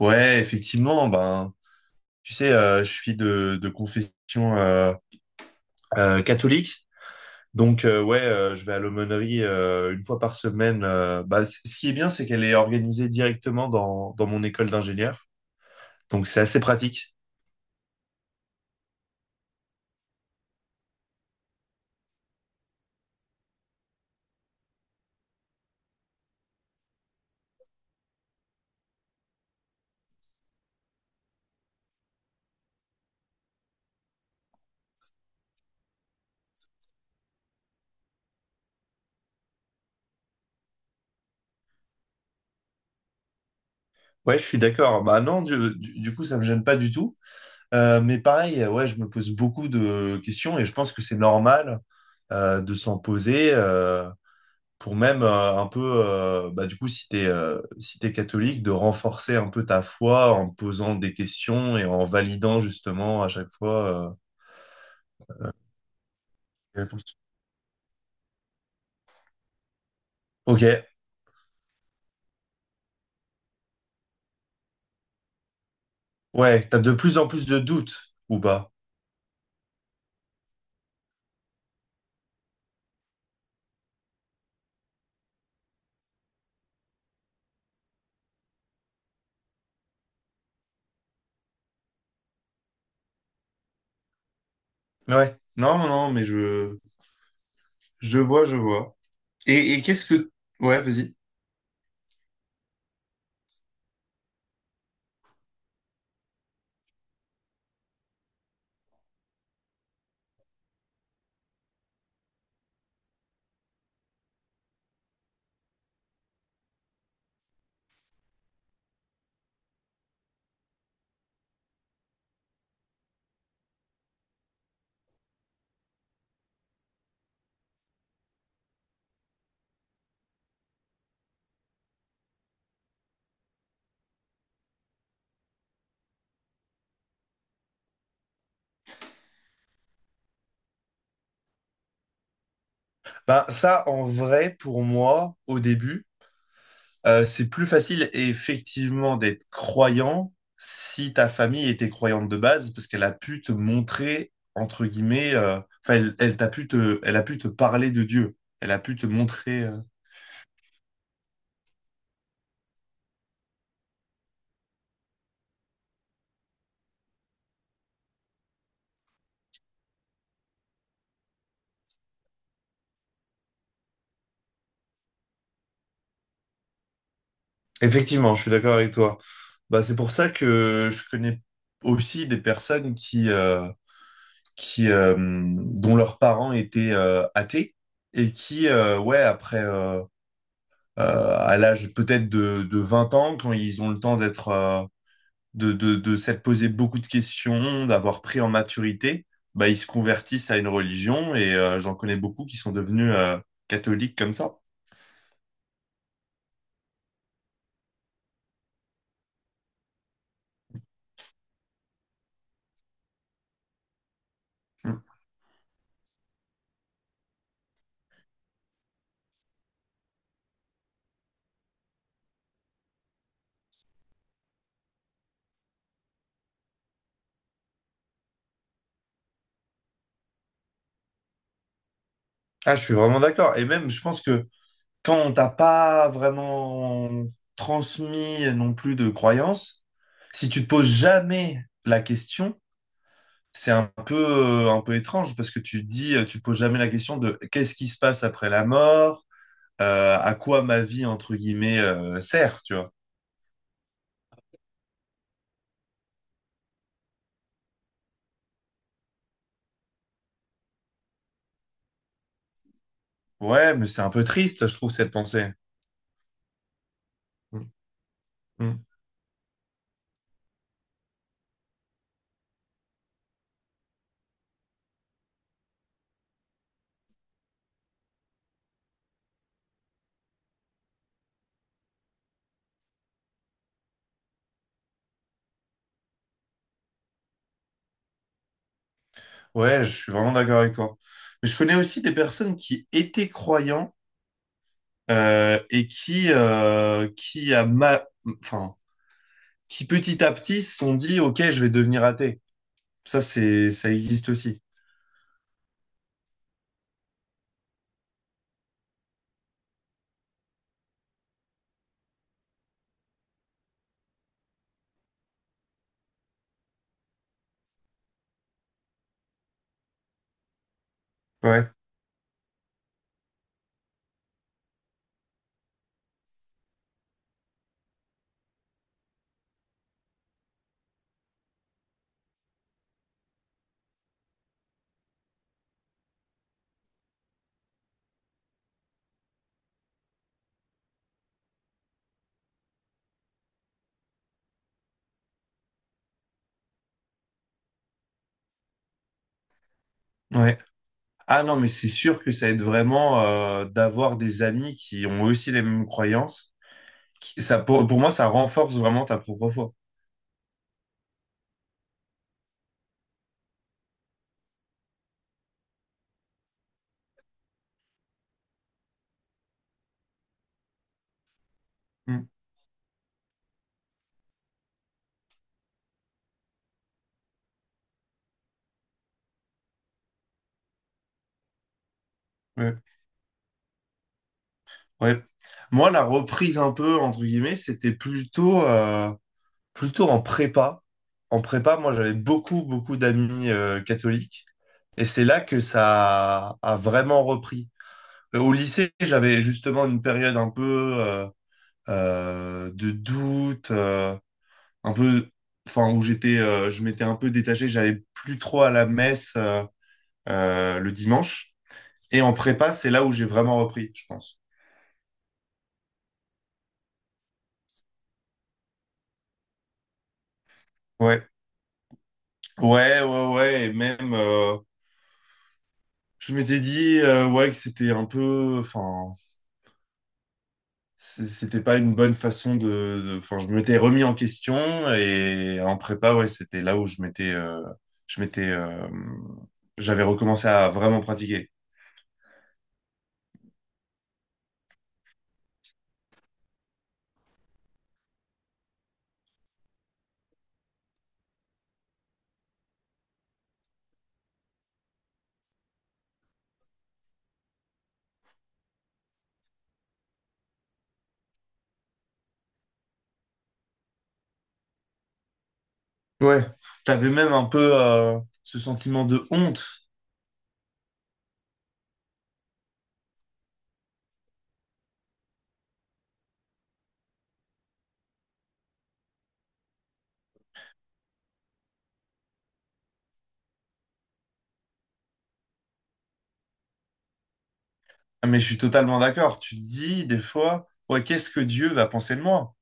Ouais, effectivement, ben, tu sais, je suis de confession euh, catholique. Donc, ouais, je vais à l'aumônerie une fois par semaine. Bah, ce qui est bien, c'est qu'elle est organisée directement dans mon école d'ingénieur. Donc, c'est assez pratique. Ouais, je suis d'accord. Bah non, du coup, ça me gêne pas du tout. Mais pareil, ouais, je me pose beaucoup de questions et je pense que c'est normal de s'en poser. Pour même un peu, bah, du coup, si t'es catholique, de renforcer un peu ta foi en posant des questions et en validant justement à chaque fois. Réponse. Ok, ouais, t'as de plus en plus de doutes ou pas? Ouais, non, non, non, mais je vois, je vois. Et qu'est-ce que... Ouais, vas-y. Bah, ça, en vrai, pour moi, au début, c'est plus facile effectivement d'être croyant si ta famille était croyante de base, parce qu'elle a pu te montrer, entre guillemets, enfin, elle a pu te parler de Dieu. Elle a pu te montrer. Effectivement, je suis d'accord avec toi. Bah, c'est pour ça que je connais aussi des personnes dont leurs parents étaient athées et qui, ouais, après, à l'âge peut-être de 20 ans, quand ils ont le temps d'être de s'être posé beaucoup de questions, d'avoir pris en maturité, bah, ils se convertissent à une religion et j'en connais beaucoup qui sont devenus catholiques comme ça. Mm. Ah, je suis vraiment d'accord. Et même, je pense que quand on t'a pas vraiment transmis non plus de croyances, si tu te poses jamais la question, c'est un peu étrange parce que tu te dis, tu te poses jamais la question de qu'est-ce qui se passe après la mort, à quoi ma vie, entre guillemets, sert, tu vois. Ouais, mais c'est un peu triste, je trouve, cette pensée. Mm, mm. Ouais, je suis vraiment d'accord avec toi. Mais je connais aussi des personnes qui étaient croyants et enfin, qui petit à petit se sont dit, OK, je vais devenir athée. Ça, ça existe aussi. Ouais, ouais. Ah non, mais c'est sûr que ça aide vraiment d'avoir des amis qui ont aussi les mêmes croyances. Ça, pour moi, ça renforce vraiment ta propre foi. Mm. Ouais. Ouais. Moi, la reprise un peu, entre guillemets, c'était plutôt en prépa. En prépa, moi, j'avais beaucoup, beaucoup d'amis catholiques. Et c'est là que ça a vraiment repris. Au lycée, j'avais justement une période un peu euh, de doute. Un peu, enfin, je m'étais un peu détaché, j'allais plus trop à la messe le dimanche. Et en prépa, c'est là où j'ai vraiment repris, je pense. Ouais, ouais, ouais, ouais. Et même, je m'étais dit, ouais, que c'était un peu, enfin, c'était pas une bonne façon enfin, je m'étais remis en question. Et en prépa, ouais, c'était là où je m'étais, euh, j'avais recommencé à vraiment pratiquer. Ouais, t'avais même un peu ce sentiment de honte. Ah, mais je suis totalement d'accord. Tu te dis des fois, ouais, qu'est-ce que Dieu va penser de moi?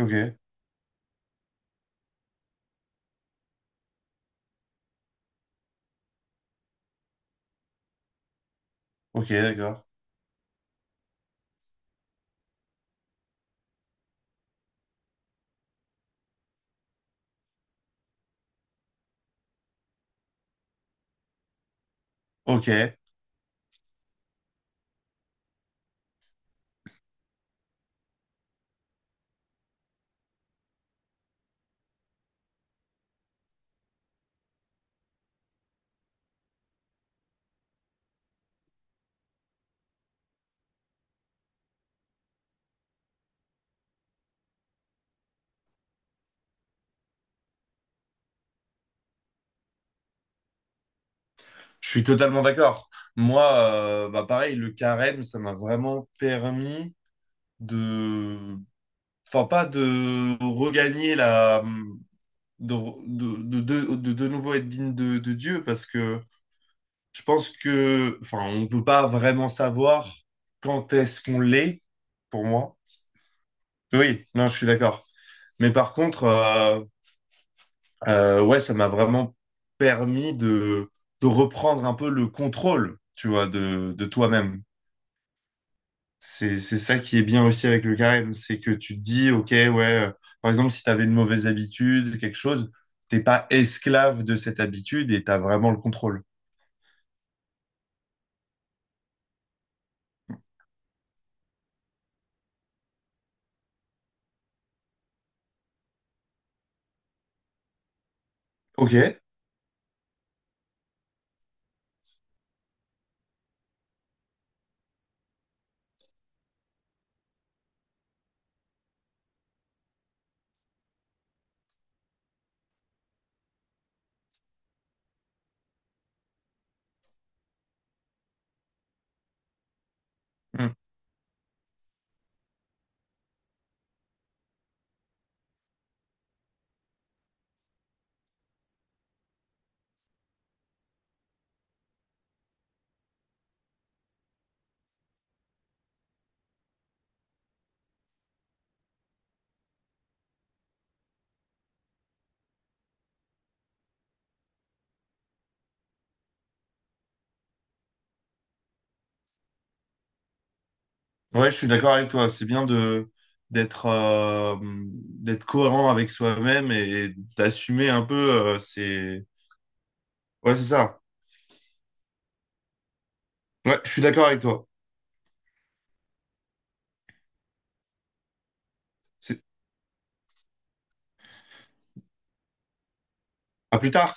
Ok, ok, d'accord. Ok, je suis totalement d'accord. Moi, bah pareil, le carême, ça m'a vraiment permis de, enfin pas de regagner la, de, nouveau être digne de Dieu, parce que je pense que, enfin, on peut pas vraiment savoir quand est-ce qu'on l'est, pour moi. Oui, non, je suis d'accord. Mais par contre. Ouais, ça m'a vraiment permis de reprendre un peu le contrôle, tu vois, de toi-même. C'est ça qui est bien aussi avec le carême, c'est que tu te dis, ok, ouais, par exemple, si tu avais une mauvaise habitude, quelque chose, t'es pas esclave de cette habitude et tu as vraiment le contrôle. Ok. Mm. Ouais, je suis d'accord avec toi. C'est bien de d'être euh, d'être cohérent avec soi-même et d'assumer un peu. C'est Ouais, c'est ça. Ouais, je suis d'accord avec toi. C'est... À plus tard.